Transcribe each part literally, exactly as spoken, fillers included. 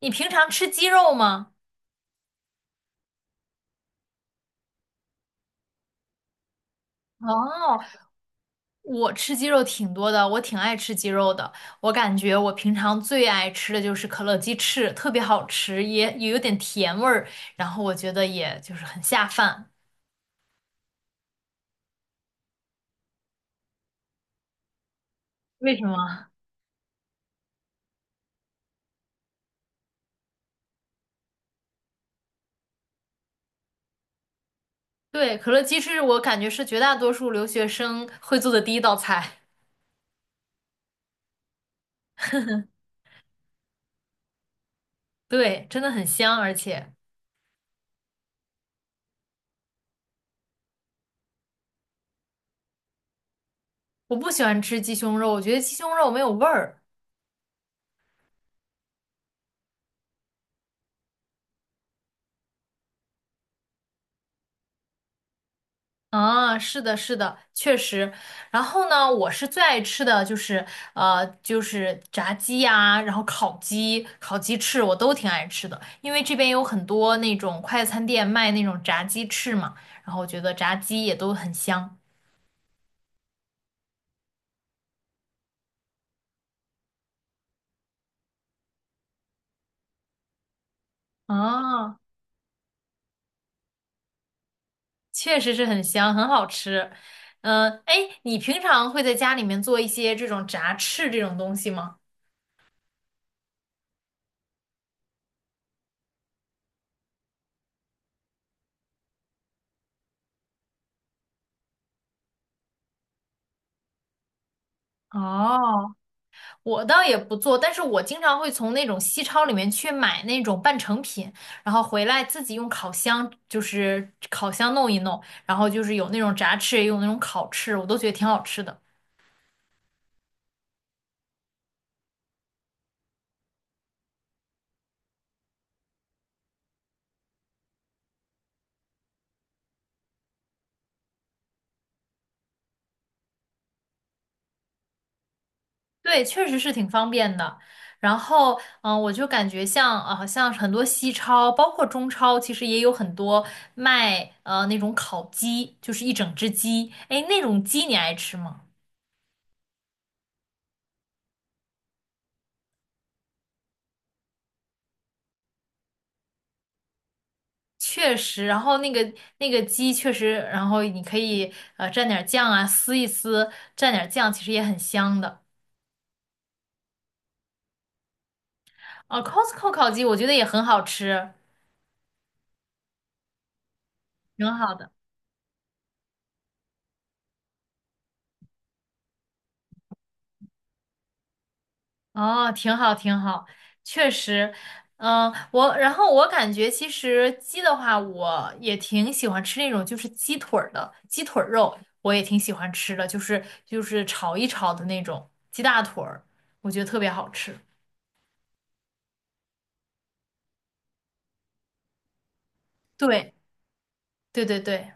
你平常吃鸡肉吗？哦，我吃鸡肉挺多的，我挺爱吃鸡肉的。我感觉我平常最爱吃的就是可乐鸡翅，特别好吃，也也有点甜味儿，然后我觉得也就是很下饭。为什么？对，可乐鸡翅我感觉是绝大多数留学生会做的第一道菜。对，真的很香，而且我不喜欢吃鸡胸肉，我觉得鸡胸肉没有味儿。啊，是的，是的，确实。然后呢，我是最爱吃的就是呃，就是炸鸡呀、然后烤鸡、烤鸡翅，我都挺爱吃的。因为这边有很多那种快餐店卖那种炸鸡翅嘛，然后我觉得炸鸡也都很香。啊，确实是很香，很好吃。嗯，哎，你平常会在家里面做一些这种炸翅这种东西吗？哦，我倒也不做，但是我经常会从那种西超里面去买那种半成品，然后回来自己用烤箱，就是烤箱弄一弄，然后就是有那种炸翅，也有那种烤翅，我都觉得挺好吃的。对，确实是挺方便的。然后，嗯、我就感觉像啊、呃像很多西超，包括中超，其实也有很多卖呃那种烤鸡，就是一整只鸡。哎，那种鸡你爱吃吗？确实，然后那个那个鸡确实，然后你可以呃蘸点儿酱啊，撕一撕，蘸点儿酱，其实也很香的。哦，Costco 烤鸡我觉得也很好吃，挺好的。哦，挺好，挺好，确实，嗯，我然后我感觉其实鸡的话，我也挺喜欢吃那种就是鸡腿儿的鸡腿儿肉，我也挺喜欢吃的，就是就是炒一炒的那种鸡大腿儿，我觉得特别好吃。对，对对对，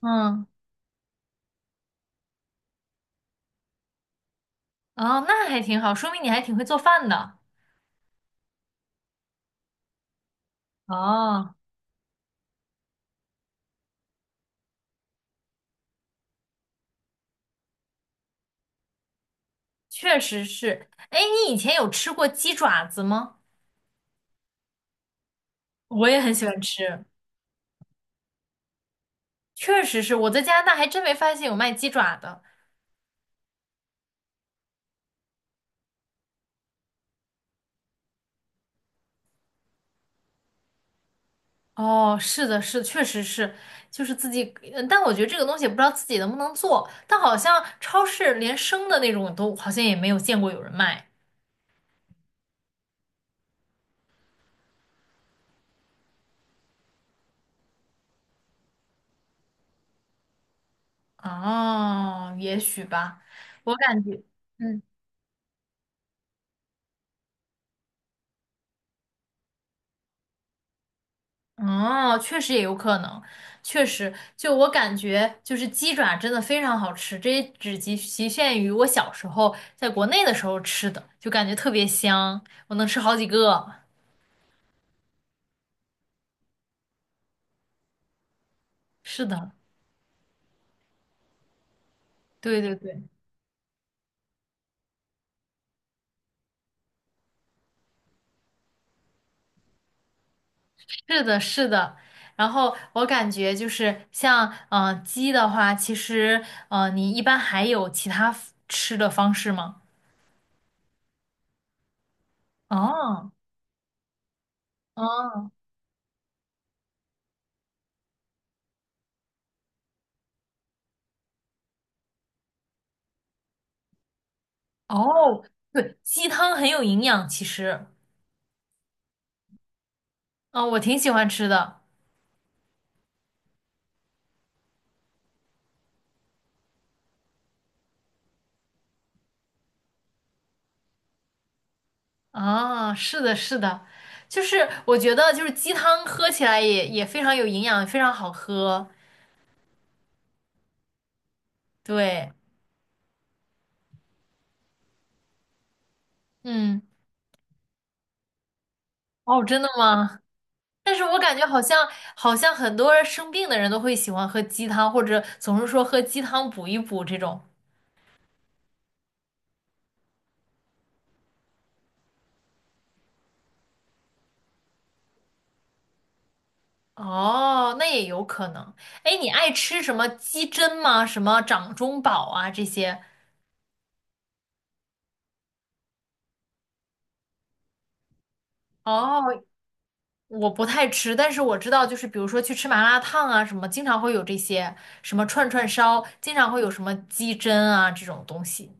嗯。哦，那还挺好，说明你还挺会做饭的。哦，确实是。哎，你以前有吃过鸡爪子吗？我也很喜欢吃，确实是。我在加拿大还真没发现有卖鸡爪的。哦，是的，是，确实是，就是自己，呃但我觉得这个东西也不知道自己能不能做，但好像超市连生的那种都好像也没有见过有人卖。哦，也许吧，我感觉。嗯。哦，确实也有可能，确实，就我感觉，就是鸡爪真的非常好吃，这也只局局限于我小时候在国内的时候吃的，就感觉特别香，我能吃好几个。是的，对对对，是的，是的。然后我感觉就是像呃鸡的话，其实呃你一般还有其他 f- 吃的方式吗？哦哦哦，对，鸡汤很有营养，其实，嗯、我挺喜欢吃的。啊，是的，是的，就是我觉得就是鸡汤喝起来也也非常有营养，非常好喝。对，嗯，哦，真的吗？但是我感觉好像好像很多人生病的人都会喜欢喝鸡汤，或者总是说喝鸡汤补一补这种。哦，那也有可能。哎，你爱吃什么鸡胗吗？什么掌中宝啊这些？哦，我不太吃，但是我知道，就是比如说去吃麻辣烫啊，什么经常会有这些，什么串串烧，经常会有什么鸡胗啊这种东西。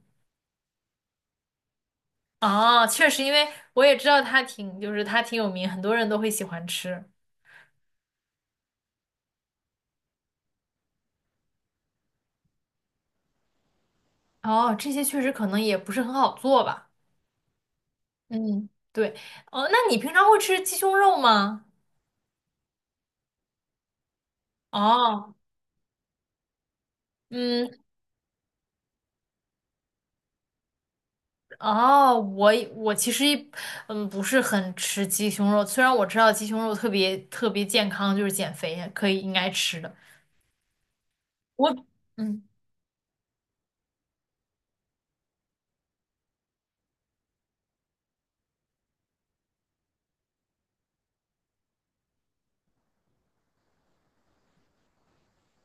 哦，确实，因为我也知道它挺，就是它挺有名，很多人都会喜欢吃。哦，这些确实可能也不是很好做吧。嗯，对。哦，那你平常会吃鸡胸肉吗？哦，嗯，哦，我我其实一嗯不是很吃鸡胸肉，虽然我知道鸡胸肉特别特别健康，就是减肥可以应该吃的。我嗯，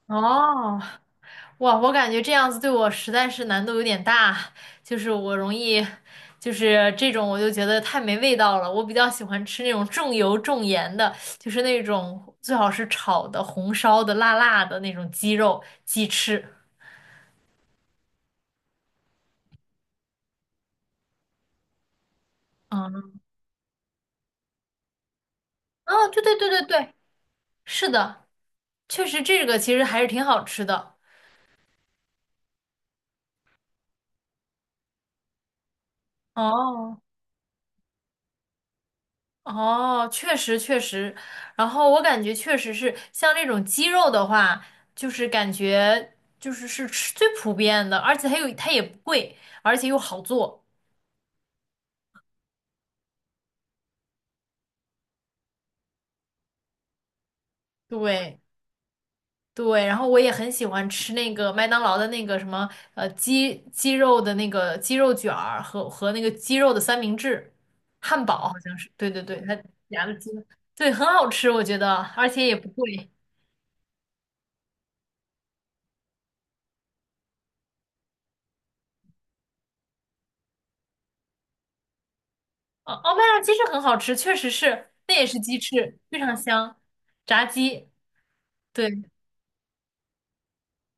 哦，哇，我感觉这样子对我实在是难度有点大，就是我容易，就是这种我就觉得太没味道了。我比较喜欢吃那种重油重盐的，就是那种最好是炒的、红烧的、辣辣的那种鸡肉、鸡翅。嗯，哦，对对对对对，是的，确实这个其实还是挺好吃的。哦。哦，确实确实，然后我感觉确实是像这种鸡肉的话，就是感觉就是是吃最普遍的，而且它又它也不贵，而且又好做。对对，然后我也很喜欢吃那个麦当劳的那个什么呃鸡鸡肉的那个鸡肉卷儿和和那个鸡肉的三明治，汉堡好像是，对对对，它夹的鸡肉对，很好吃，我觉得，而且也不贵。哦，哦麦辣鸡翅很好吃，确实是，那也是鸡翅，非常香，炸鸡，对，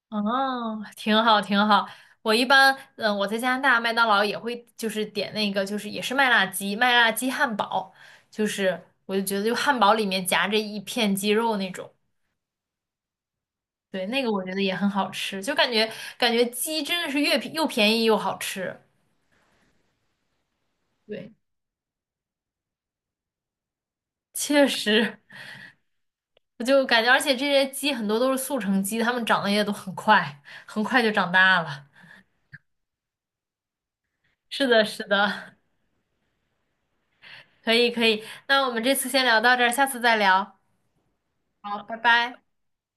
哦，挺好，挺好。我一般，嗯，我在加拿大麦当劳也会就是点那个，就是也是麦辣鸡，麦辣鸡汉堡，就是我就觉得就汉堡里面夹着一片鸡肉那种，对，那个我觉得也很好吃，就感觉感觉鸡真的是越便又便宜又好吃，对，确实，我就感觉，而且这些鸡很多都是速成鸡，它们长得也都很快，很快就长大了。是的，是的，可以，可以。那我们这次先聊到这儿，下次再聊。好，拜拜。